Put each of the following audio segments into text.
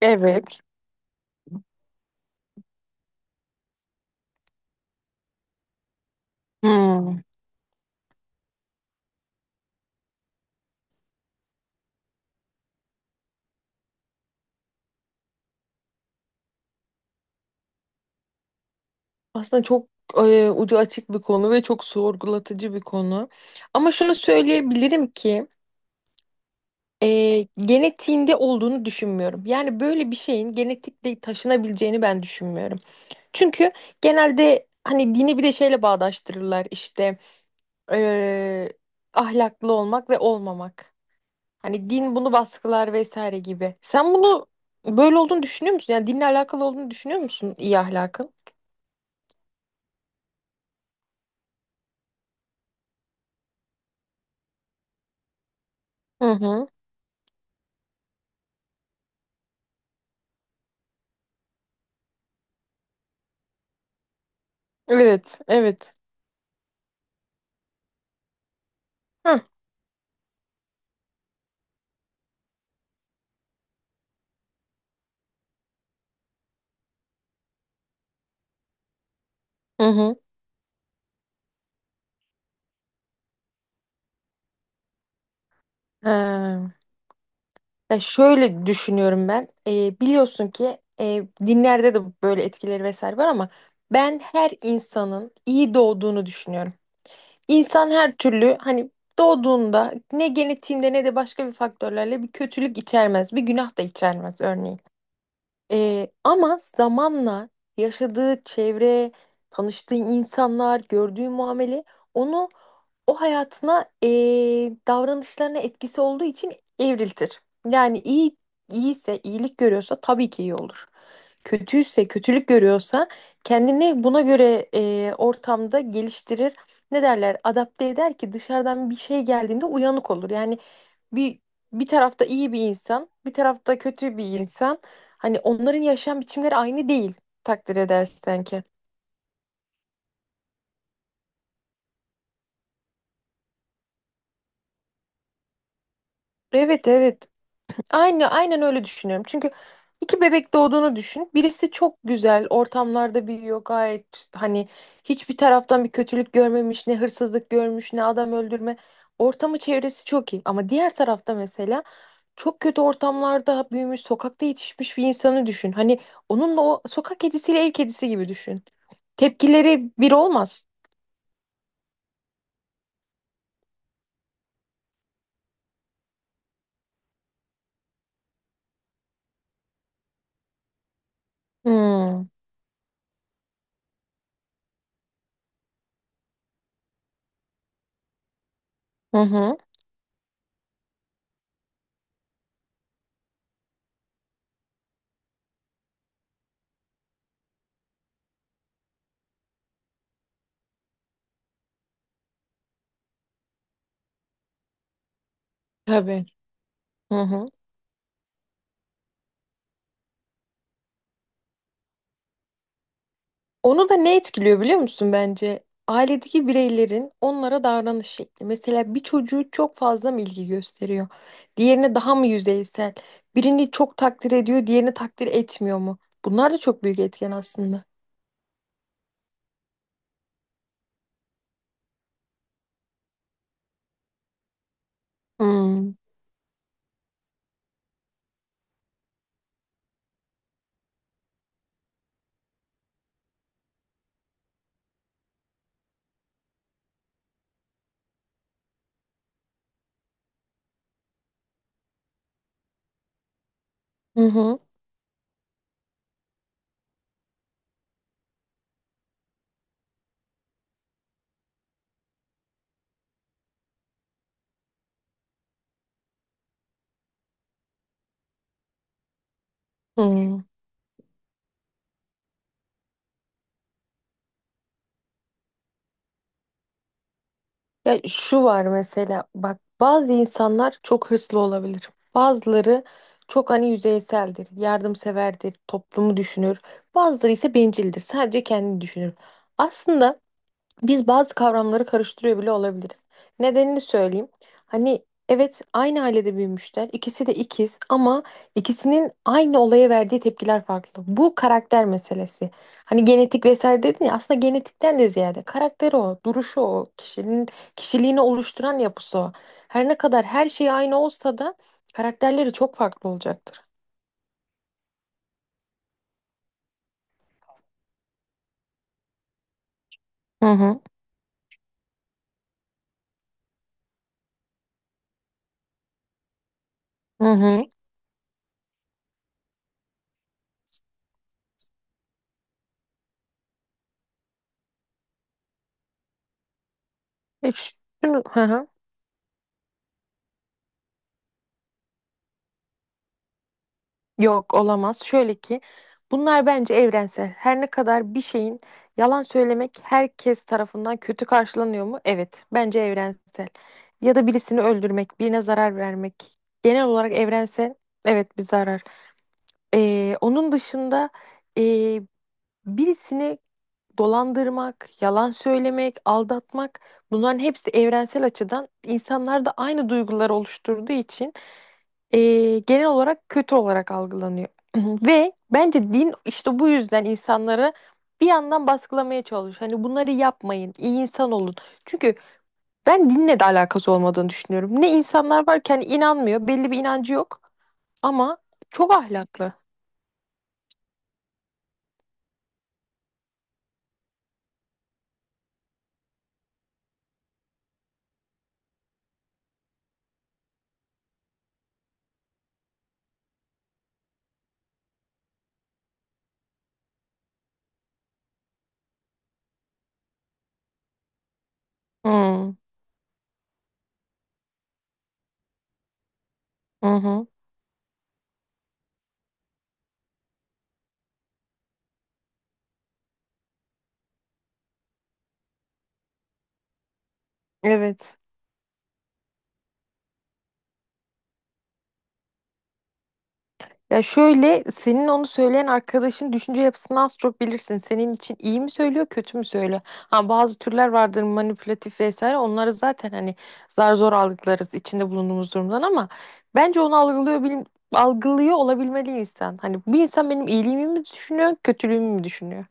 Evet. Hmm. Aslında çok ucu açık bir konu ve çok sorgulatıcı bir konu. Ama şunu söyleyebilirim ki genetiğinde olduğunu düşünmüyorum. Yani böyle bir şeyin genetikle taşınabileceğini ben düşünmüyorum. Çünkü genelde hani dini bir de şeyle bağdaştırırlar işte, e, ahlaklı olmak ve olmamak. Hani din bunu baskılar vesaire gibi. Sen bunu böyle olduğunu düşünüyor musun? Yani dinle alakalı olduğunu düşünüyor musun iyi ahlakın? Hı hı. Evet, evet. Hı hı. Hı. Ee, Ya şöyle düşünüyorum ben. Biliyorsun ki dinlerde de böyle etkileri vesaire var, ama ben her insanın iyi doğduğunu düşünüyorum. İnsan her türlü hani doğduğunda ne genetiğinde ne de başka bir faktörlerle bir kötülük içermez, bir günah da içermez örneğin. Ama zamanla yaşadığı çevre, tanıştığı insanlar, gördüğü muamele onu o hayatına, davranışlarına etkisi olduğu için evriltir. Yani iyiyse, iyilik görüyorsa tabii ki iyi olur. Kötüyse, kötülük görüyorsa kendini buna göre, ortamda geliştirir. Ne derler? Adapte eder ki dışarıdan bir şey geldiğinde uyanık olur. Yani bir bir tarafta iyi bir insan, bir tarafta kötü bir insan. Hani onların yaşam biçimleri aynı değil takdir edersen ki. Evet, evet. Aynen öyle düşünüyorum. Çünkü iki bebek doğduğunu düşün. Birisi çok güzel ortamlarda büyüyor, gayet hani hiçbir taraftan bir kötülük görmemiş, ne hırsızlık görmüş, ne adam öldürme. Ortamı çevresi çok iyi. Ama diğer tarafta mesela çok kötü ortamlarda büyümüş, sokakta yetişmiş bir insanı düşün. Hani onunla, o sokak kedisiyle ev kedisi gibi düşün. Tepkileri bir olmaz. Hmm. Hı hı. Tabii. Hı hı. Onu da ne etkiliyor biliyor musun bence? Ailedeki bireylerin onlara davranış şekli. Mesela bir çocuğu çok fazla mı ilgi gösteriyor? Diğerine daha mı yüzeysel? Birini çok takdir ediyor, diğerini takdir etmiyor mu? Bunlar da çok büyük etken aslında. Hmm. Hı hı. Hmm. Ya şu var, mesela bak, bazı insanlar çok hırslı olabilir. Bazıları çok hani yüzeyseldir, yardımseverdir, toplumu düşünür. Bazıları ise bencildir, sadece kendini düşünür. Aslında biz bazı kavramları karıştırıyor bile olabiliriz. Nedenini söyleyeyim. Hani evet, aynı ailede büyümüşler. İkisi de ikiz, ama ikisinin aynı olaya verdiği tepkiler farklı. Bu karakter meselesi. Hani genetik vesaire dedin ya, aslında genetikten de ziyade karakteri o, duruşu o, kişinin kişiliğini oluşturan yapısı o. Her ne kadar her şey aynı olsa da karakterleri çok farklı olacaktır. Hı hı. Hı hı. Hı hı. Yok, olamaz. Şöyle ki bunlar bence evrensel. Her ne kadar bir şeyin, yalan söylemek herkes tarafından kötü karşılanıyor mu? Evet, bence evrensel. Ya da birisini öldürmek, birine zarar vermek. Genel olarak evrensel. Evet, bir zarar. Onun dışında birisini dolandırmak, yalan söylemek, aldatmak, bunların hepsi evrensel açıdan insanlarda aynı duyguları oluşturduğu için, genel olarak kötü olarak algılanıyor. Ve bence din işte bu yüzden insanları bir yandan baskılamaya çalışıyor. Hani bunları yapmayın, iyi insan olun. Çünkü ben dinle de alakası olmadığını düşünüyorum. Ne insanlar var ki hani inanmıyor, belli bir inancı yok ama çok ahlaklı. Hmm. Hı hı. Evet. Ya şöyle, senin onu söyleyen arkadaşın düşünce yapısını az çok bilirsin. Senin için iyi mi söylüyor, kötü mü söylüyor? Ha, bazı türler vardır manipülatif vesaire. Onları zaten hani zar zor algılarız içinde bulunduğumuz durumdan, ama bence onu algılıyor bilim, algılıyor olabilmeli insan. Hani bir insan benim iyiliğimi mi düşünüyor, kötülüğümü mü düşünüyor?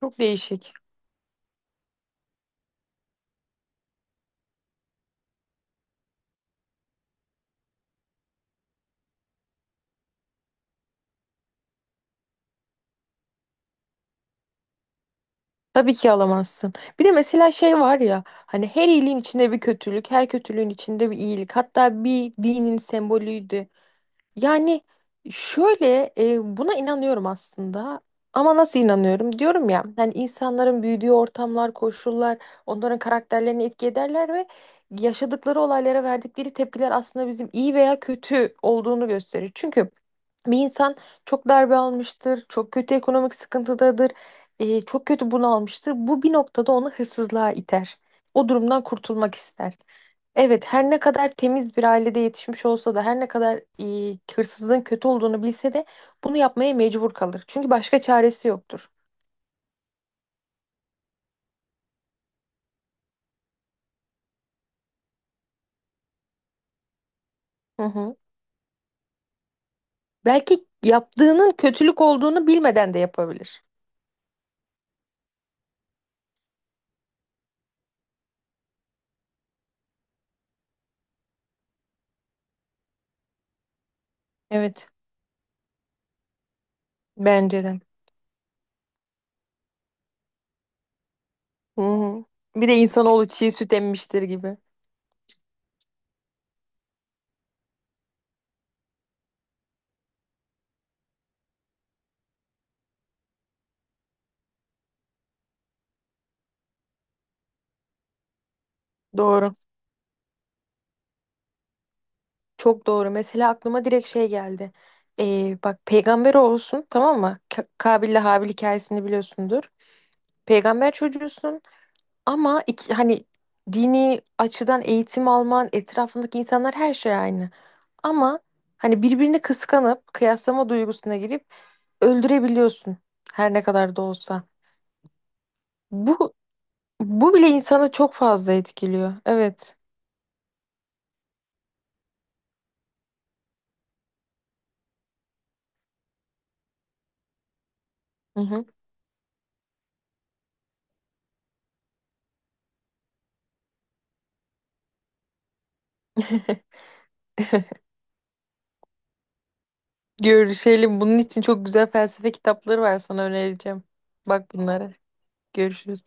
Çok değişik. Tabii ki alamazsın. Bir de mesela şey var ya hani, her iyiliğin içinde bir kötülük, her kötülüğün içinde bir iyilik. Hatta bir dinin sembolüydü. Yani şöyle, buna inanıyorum aslında. Ama nasıl inanıyorum? Diyorum ya hani insanların büyüdüğü ortamlar, koşullar onların karakterlerini etki ederler ve yaşadıkları olaylara verdikleri tepkiler aslında bizim iyi veya kötü olduğunu gösterir. Çünkü bir insan çok darbe almıştır, çok kötü ekonomik sıkıntıdadır, çok kötü bunalmıştır. Bu bir noktada onu hırsızlığa iter. O durumdan kurtulmak ister. Evet, her ne kadar temiz bir ailede yetişmiş olsa da, her ne kadar hırsızlığın kötü olduğunu bilse de bunu yapmaya mecbur kalır. Çünkü başka çaresi yoktur. Hı hı. Belki yaptığının kötülük olduğunu bilmeden de yapabilir. Evet, bence de. Hı hı. Bir de insanoğlu çiğ süt emmiştir gibi. Doğru. Çok doğru. Mesela aklıma direkt şey geldi. Bak, peygamber olsun, tamam mı? Kabil'le Habil hikayesini biliyorsundur. Peygamber çocuğusun. Ama iki, hani dini açıdan eğitim alman, etrafındaki insanlar, her şey aynı. Ama hani birbirini kıskanıp kıyaslama duygusuna girip öldürebiliyorsun her ne kadar da olsa. Bu bu bile insanı çok fazla etkiliyor. Evet. Hı hı. Görüşelim. Bunun için çok güzel felsefe kitapları var, sana önereceğim. Bak bunlara. Görüşürüz.